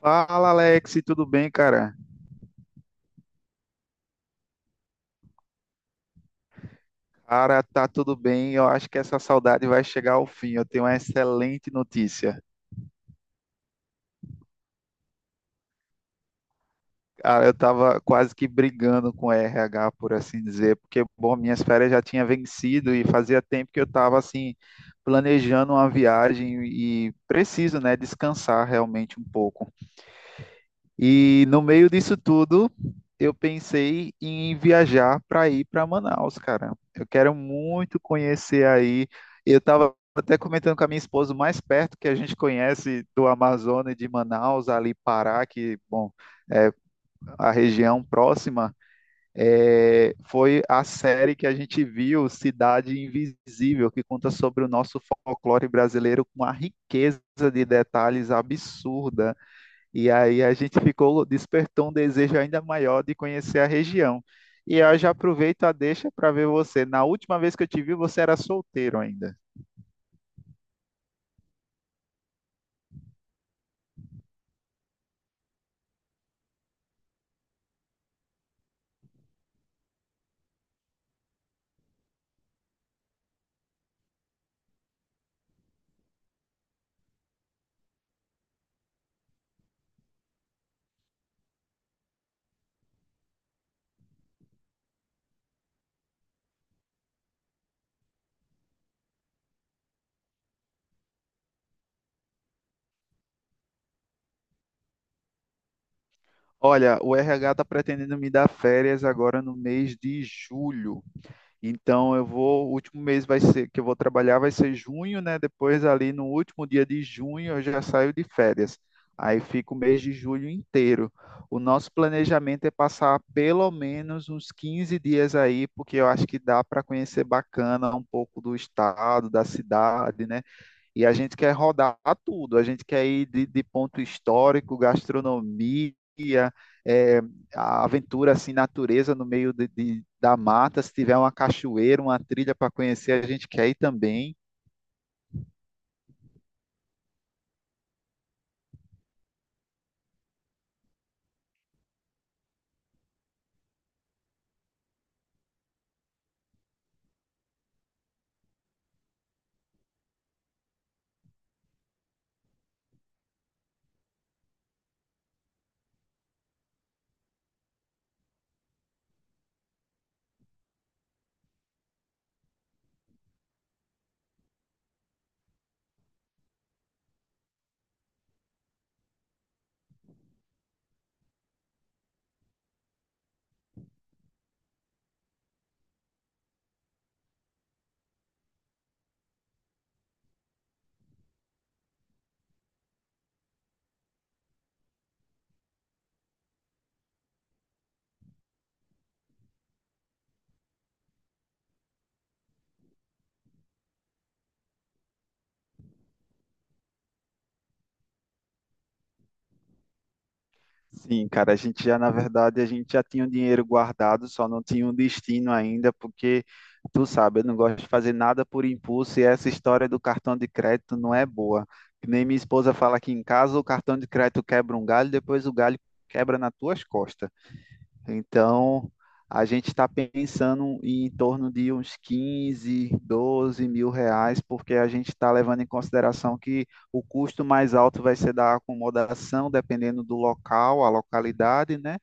Fala, Alex, tudo bem, cara? Cara, tá tudo bem. Eu acho que essa saudade vai chegar ao fim. Eu tenho uma excelente notícia. Cara, eu tava quase que brigando com o RH, por assim dizer, porque, bom, minhas férias já tinha vencido e fazia tempo que eu tava, assim, planejando uma viagem e preciso, né, descansar realmente um pouco. E no meio disso tudo, eu pensei em viajar para ir para Manaus, cara. Eu quero muito conhecer aí. Eu estava até comentando com a minha esposa, o mais perto que a gente conhece do Amazonas e de Manaus, ali Pará, que, bom, é a região próxima, foi a série que a gente viu, Cidade Invisível, que conta sobre o nosso folclore brasileiro com uma riqueza de detalhes absurda. E aí a gente ficou, despertou um desejo ainda maior de conhecer a região. E eu já aproveito a deixa para ver você. Na última vez que eu te vi, você era solteiro ainda. Olha, o RH está pretendendo me dar férias agora no mês de julho. Então eu vou, o último mês vai ser que eu vou trabalhar vai ser junho, né? Depois ali no último dia de junho eu já saio de férias. Aí fica o mês de julho inteiro. O nosso planejamento é passar pelo menos uns 15 dias aí, porque eu acho que dá para conhecer bacana um pouco do estado, da cidade, né? E a gente quer rodar tudo, a gente quer ir de, ponto histórico, gastronomia, é, a aventura assim, natureza no meio da mata. Se tiver uma cachoeira, uma trilha para conhecer, a gente quer ir também. Sim, cara, na verdade, a gente já tinha o dinheiro guardado, só não tinha um destino ainda, porque tu sabe, eu não gosto de fazer nada por impulso e essa história do cartão de crédito não é boa. Que nem minha esposa fala aqui em casa, o cartão de crédito quebra um galho, depois o galho quebra nas tuas costas. Então, a gente está pensando em torno de uns 15, 12 mil reais, porque a gente está levando em consideração que o custo mais alto vai ser da acomodação, dependendo do local, a localidade, né?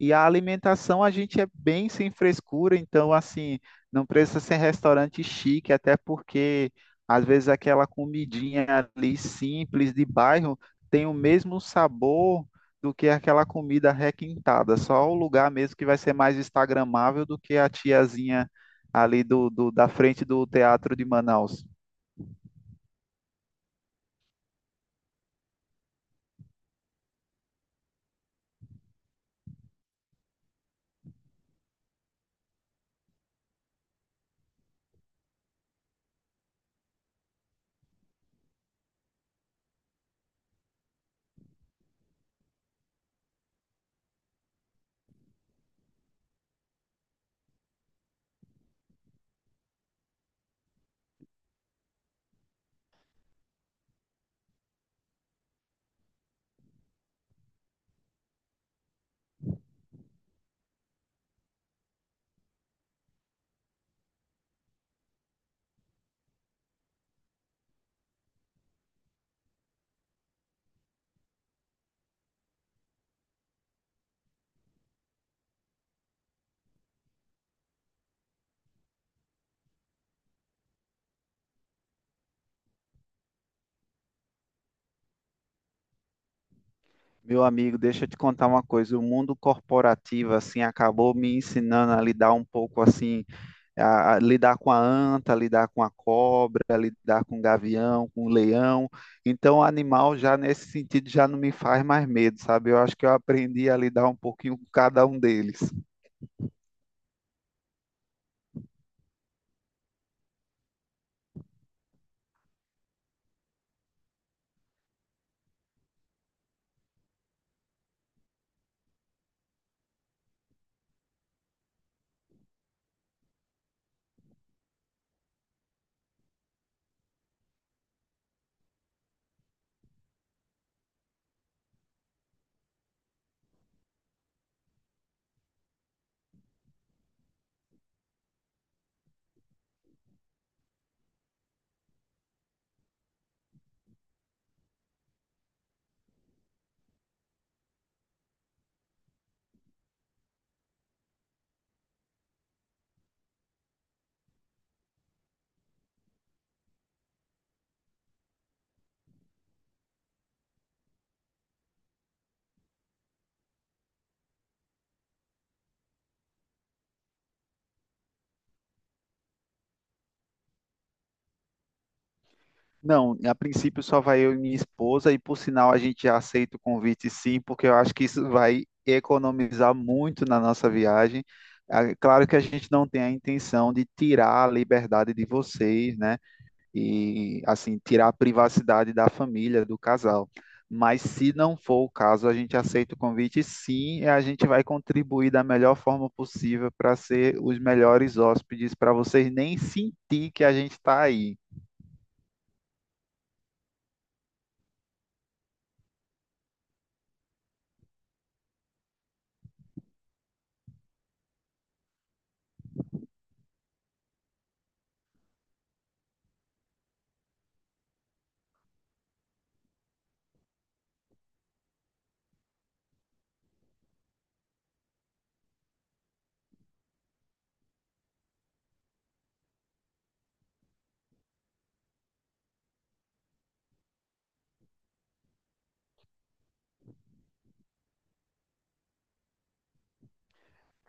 E a alimentação a gente é bem sem frescura, então assim, não precisa ser restaurante chique, até porque às vezes aquela comidinha ali simples de bairro tem o mesmo sabor do que aquela comida requintada, só o lugar mesmo que vai ser mais instagramável do que a tiazinha ali da frente do Teatro de Manaus. Meu amigo, deixa eu te contar uma coisa. O mundo corporativo, assim, acabou me ensinando a lidar um pouco, assim, a lidar com a anta, lidar com a cobra, lidar com o gavião, com o leão. Então, o animal já nesse sentido já não me faz mais medo, sabe? Eu acho que eu aprendi a lidar um pouquinho com cada um deles. Não, a princípio só vai eu e minha esposa, e por sinal a gente já aceita o convite sim, porque eu acho que isso vai economizar muito na nossa viagem. Ah, Claro que a gente não tem a intenção de tirar a liberdade de vocês, né? E assim tirar a privacidade da família, do casal. Mas se não for o caso, a gente aceita o convite sim, e a gente vai contribuir da melhor forma possível para ser os melhores hóspedes, para vocês nem sentir que a gente está aí.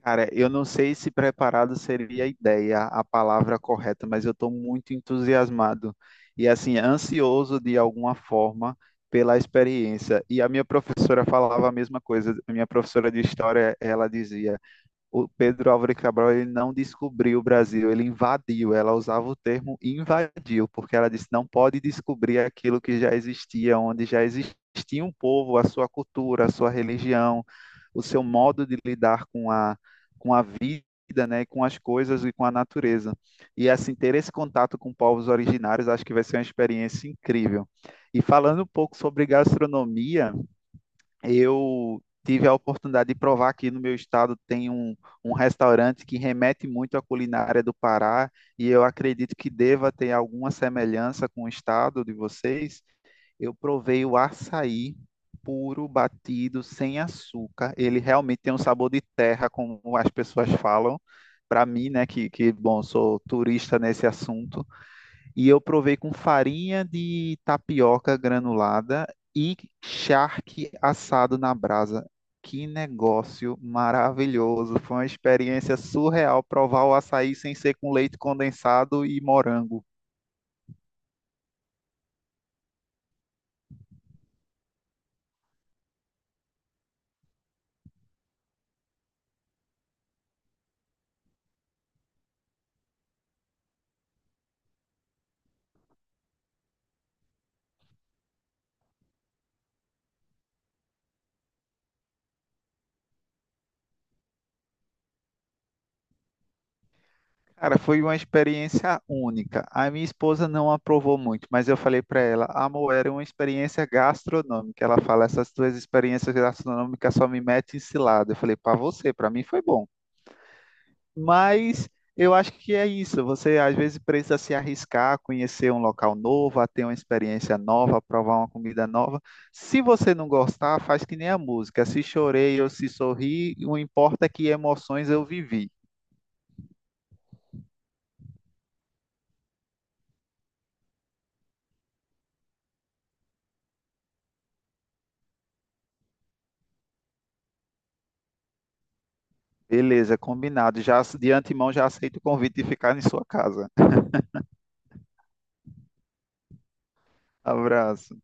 Cara, eu não sei se preparado seria a ideia, a palavra correta, mas eu estou muito entusiasmado e assim ansioso de alguma forma pela experiência. E a minha professora falava a mesma coisa. A minha professora de história, ela dizia: o Pedro Álvares Cabral ele não descobriu o Brasil, ele invadiu. Ela usava o termo invadiu, porque ela disse não pode descobrir aquilo que já existia, onde já existia um povo, a sua cultura, a sua religião, o seu modo de lidar com com a vida. Né, com as coisas e com a natureza. E assim, ter esse contato com povos originários acho que vai ser uma experiência incrível. E falando um pouco sobre gastronomia, eu tive a oportunidade de provar que no meu estado tem um restaurante que remete muito à culinária do Pará e eu acredito que deva ter alguma semelhança com o estado de vocês. Eu provei o açaí puro, batido, sem açúcar. Ele realmente tem um sabor de terra, como as pessoas falam. Para mim, né, que bom, sou turista nesse assunto. E eu provei com farinha de tapioca granulada e charque assado na brasa. Que negócio maravilhoso! Foi uma experiência surreal provar o açaí sem ser com leite condensado e morango. Cara, foi uma experiência única. A minha esposa não aprovou muito, mas eu falei para ela, amor, era uma experiência gastronômica. Ela fala, essas tuas experiências gastronômicas só me metem em cilada. Eu falei, para você, para mim foi bom. Mas eu acho que é isso. Você às vezes precisa se arriscar, conhecer um local novo, a ter uma experiência nova, provar uma comida nova. Se você não gostar, faz que nem a música. Se chorei ou se sorri, o importa é que emoções eu vivi. Beleza, combinado. Já de antemão já aceito o convite de ficar em sua casa. Abraço.